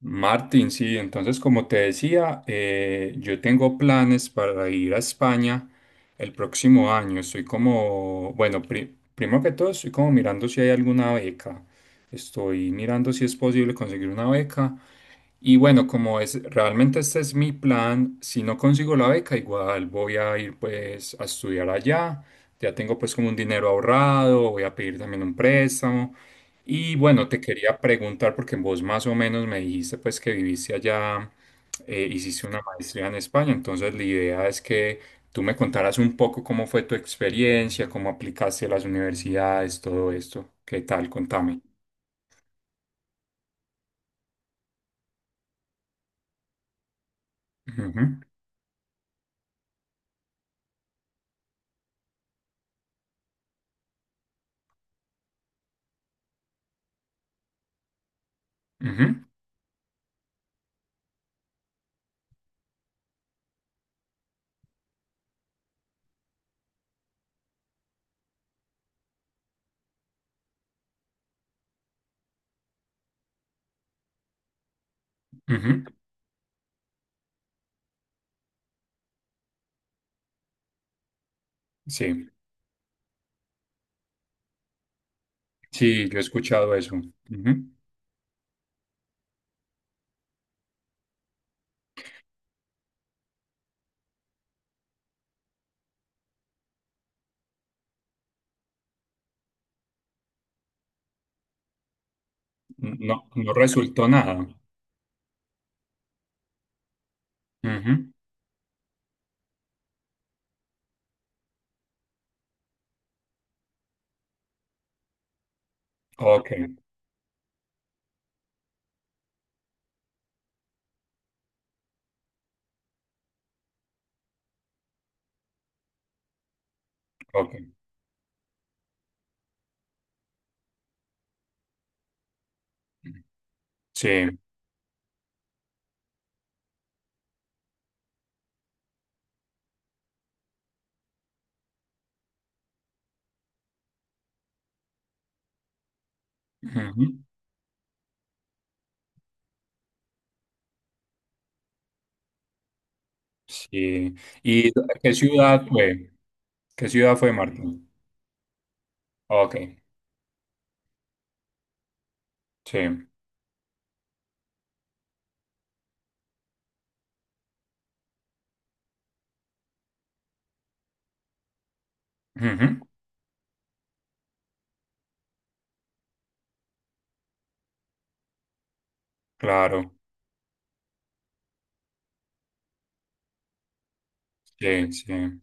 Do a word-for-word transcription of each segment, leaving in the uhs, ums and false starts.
Martín, sí, entonces como te decía, eh, yo tengo planes para ir a España el próximo año. Estoy como, bueno, pri- primero que todo estoy como mirando si hay alguna beca. Estoy mirando si es posible conseguir una beca y bueno, como es realmente este es mi plan, si no consigo la beca, igual voy a ir pues a estudiar allá. Ya tengo pues como un dinero ahorrado, voy a pedir también un préstamo. Y bueno, te quería preguntar porque vos más o menos me dijiste pues que viviste allá, eh, hiciste una maestría en España, entonces la idea es que tú me contaras un poco cómo fue tu experiencia, cómo aplicaste a las universidades, todo esto. ¿Qué tal? Contame. Ujú, ujú, ujú. Sí. Sí, yo he escuchado eso. Ujú. No, no resultó nada. Ujú. Ok, ok. Sí. Ujú. Sí. ¿Y qué ciudad fue? ¿Qué ciudad fue, Martín? Ok, sí. Ujú. Claro, sí, sí.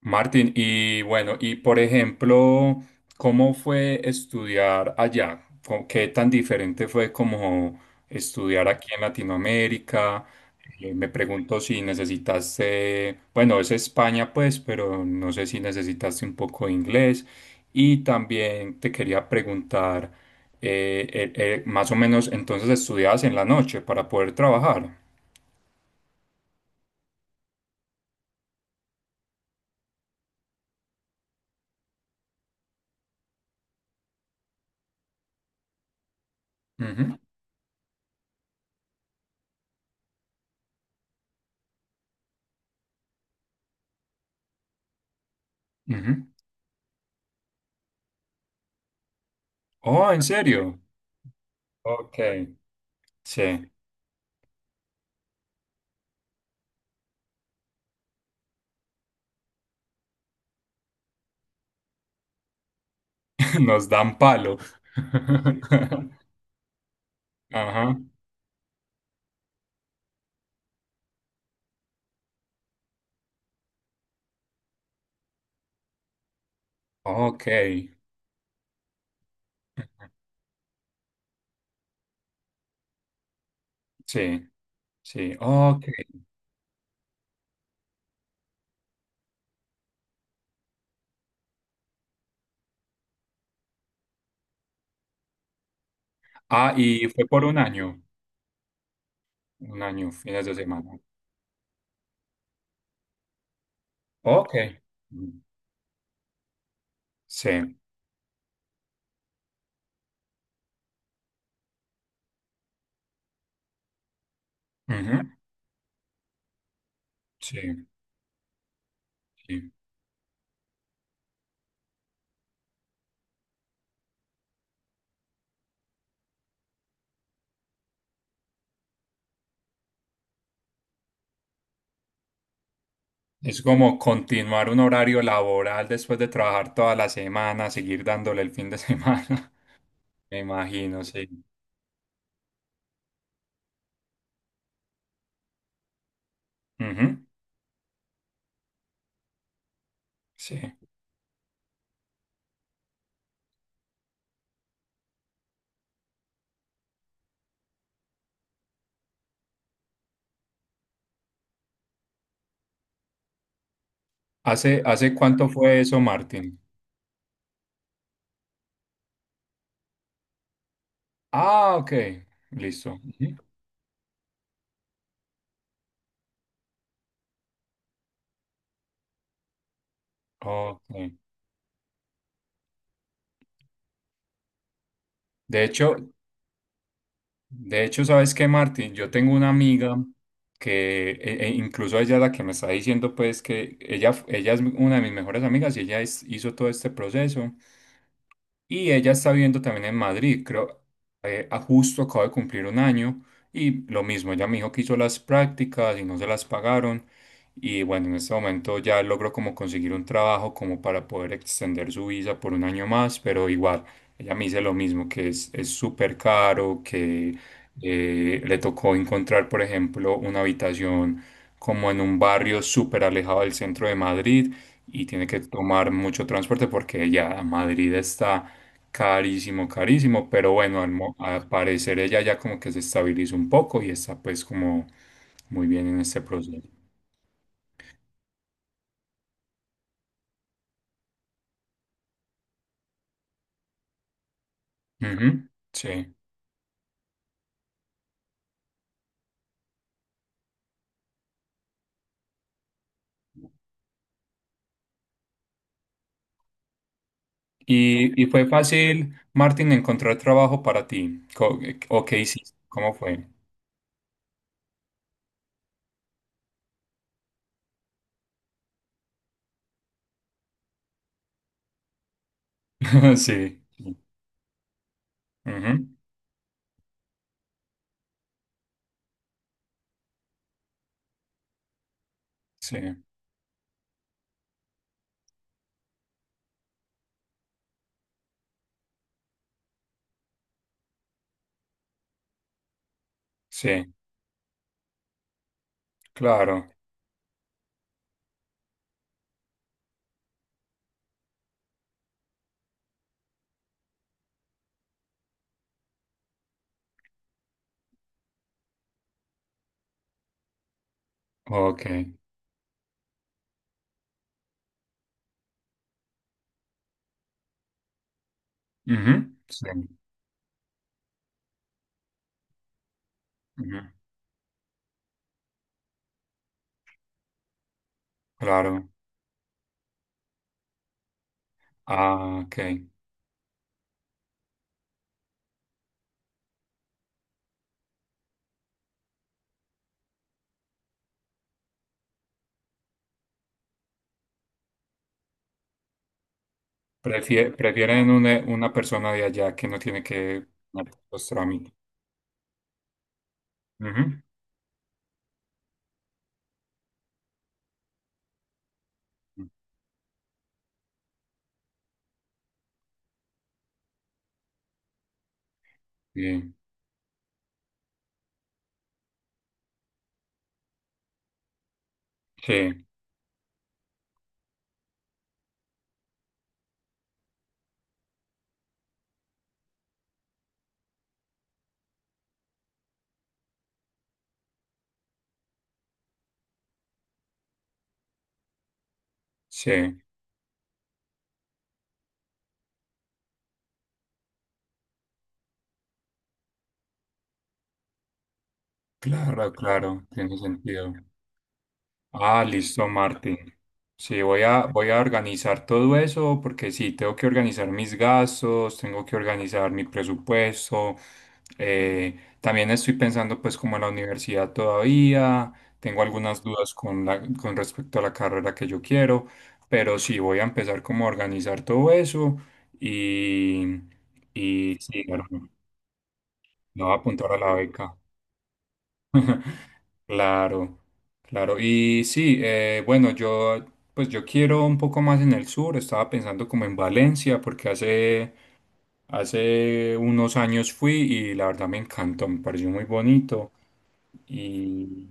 Martín, y bueno, y por ejemplo, ¿cómo fue estudiar allá? ¿Con- ¿Qué tan diferente fue como estudiar aquí en Latinoamérica? Eh, me pregunto si necesitaste, bueno, es España pues, pero no sé si necesitaste un poco de inglés. Y también te quería preguntar, eh, eh, eh, más o menos, entonces estudiabas en la noche para poder trabajar. Ujú, ujú. Oh, ¿en serio? Ok, sí. Nos dan palo. Ajá. Ok. Sí, sí. Ok. Ah, y fue por un año. Un año, fines de semana. Ok. Mm, sí. Ujú, sí, sí. Es como continuar un horario laboral después de trabajar toda la semana, seguir dándole el fin de semana. Me imagino, sí. Ujú, sí. ¿Hace, hace cuánto fue eso, Martín? Ah, ok. Listo. Ujú. Ok. De hecho, de hecho, ¿sabes qué, Martín? Yo tengo una amiga que e- e incluso ella es la que me está diciendo pues que ella, ella es una de mis mejores amigas y ella es- hizo todo este proceso. Y ella está viviendo también en Madrid, creo, eh, a justo acaba de cumplir un año y lo mismo, ella me dijo que hizo las prácticas y no se las pagaron y bueno, en este momento ya logró como conseguir un trabajo como para poder extender su visa por un año más, pero igual, ella me dice lo mismo, que es es súper caro, que eh, le tocó encontrar, por ejemplo, una habitación como en un barrio súper alejado del centro de Madrid y tiene que tomar mucho transporte porque ya Madrid está carísimo, carísimo, pero bueno, al, mo- al parecer ella ya como que se estabilizó un poco y está pues como muy bien en este proceso. Ujú, sí. ¿Y, y fue fácil, Martín, encontrar trabajo para ti? Co- eh, ¿O qué hiciste? ¿Cómo fue? Sí. Sí, ujú, sí, sí, claro. Ok. Ujú, sí, ujú, claro. Ah, ok. Prefie- prefieren una, una persona de allá que no tiene que hacer los trámites. Ujú. Sí, sí, sí, claro, claro, tiene sentido. Ah, listo, Martín. Sí, voy a, voy a organizar todo eso porque sí, tengo que organizar mis gastos, tengo que organizar mi presupuesto. eh, también estoy pensando pues como en la universidad todavía, tengo algunas dudas con la, con respecto a la carrera que yo quiero, pero sí, voy a empezar como a organizar todo eso y, y sí, claro, me voy a apuntar a la beca. Claro, claro. Y sí, eh, bueno, yo pues yo quiero un poco más en el sur, estaba pensando como en Valencia, porque hace, hace unos años fui y la verdad me encantó, me pareció muy bonito. Y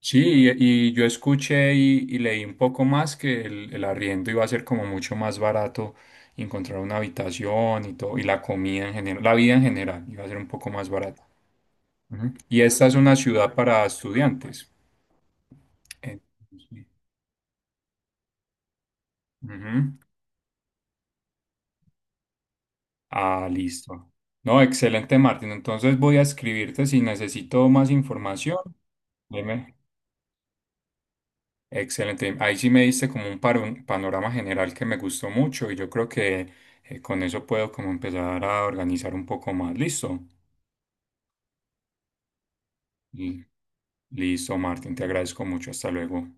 sí, y, y yo escuché y, y leí un poco más que el, el arriendo iba a ser como mucho más barato encontrar una habitación y todo, y la comida en general, la vida en general iba a ser un poco más barata. Ujú. Y esta es una ciudad para estudiantes. Entonces, ujú. Ah, listo. No, excelente, Martín. Entonces voy a escribirte si necesito más información. Dime. Excelente. Ahí sí me diste como un paro- panorama general que me gustó mucho y yo creo que eh, con eso puedo como empezar a organizar un poco más. Listo. Y- Listo, Martín. Te agradezco mucho. Hasta luego.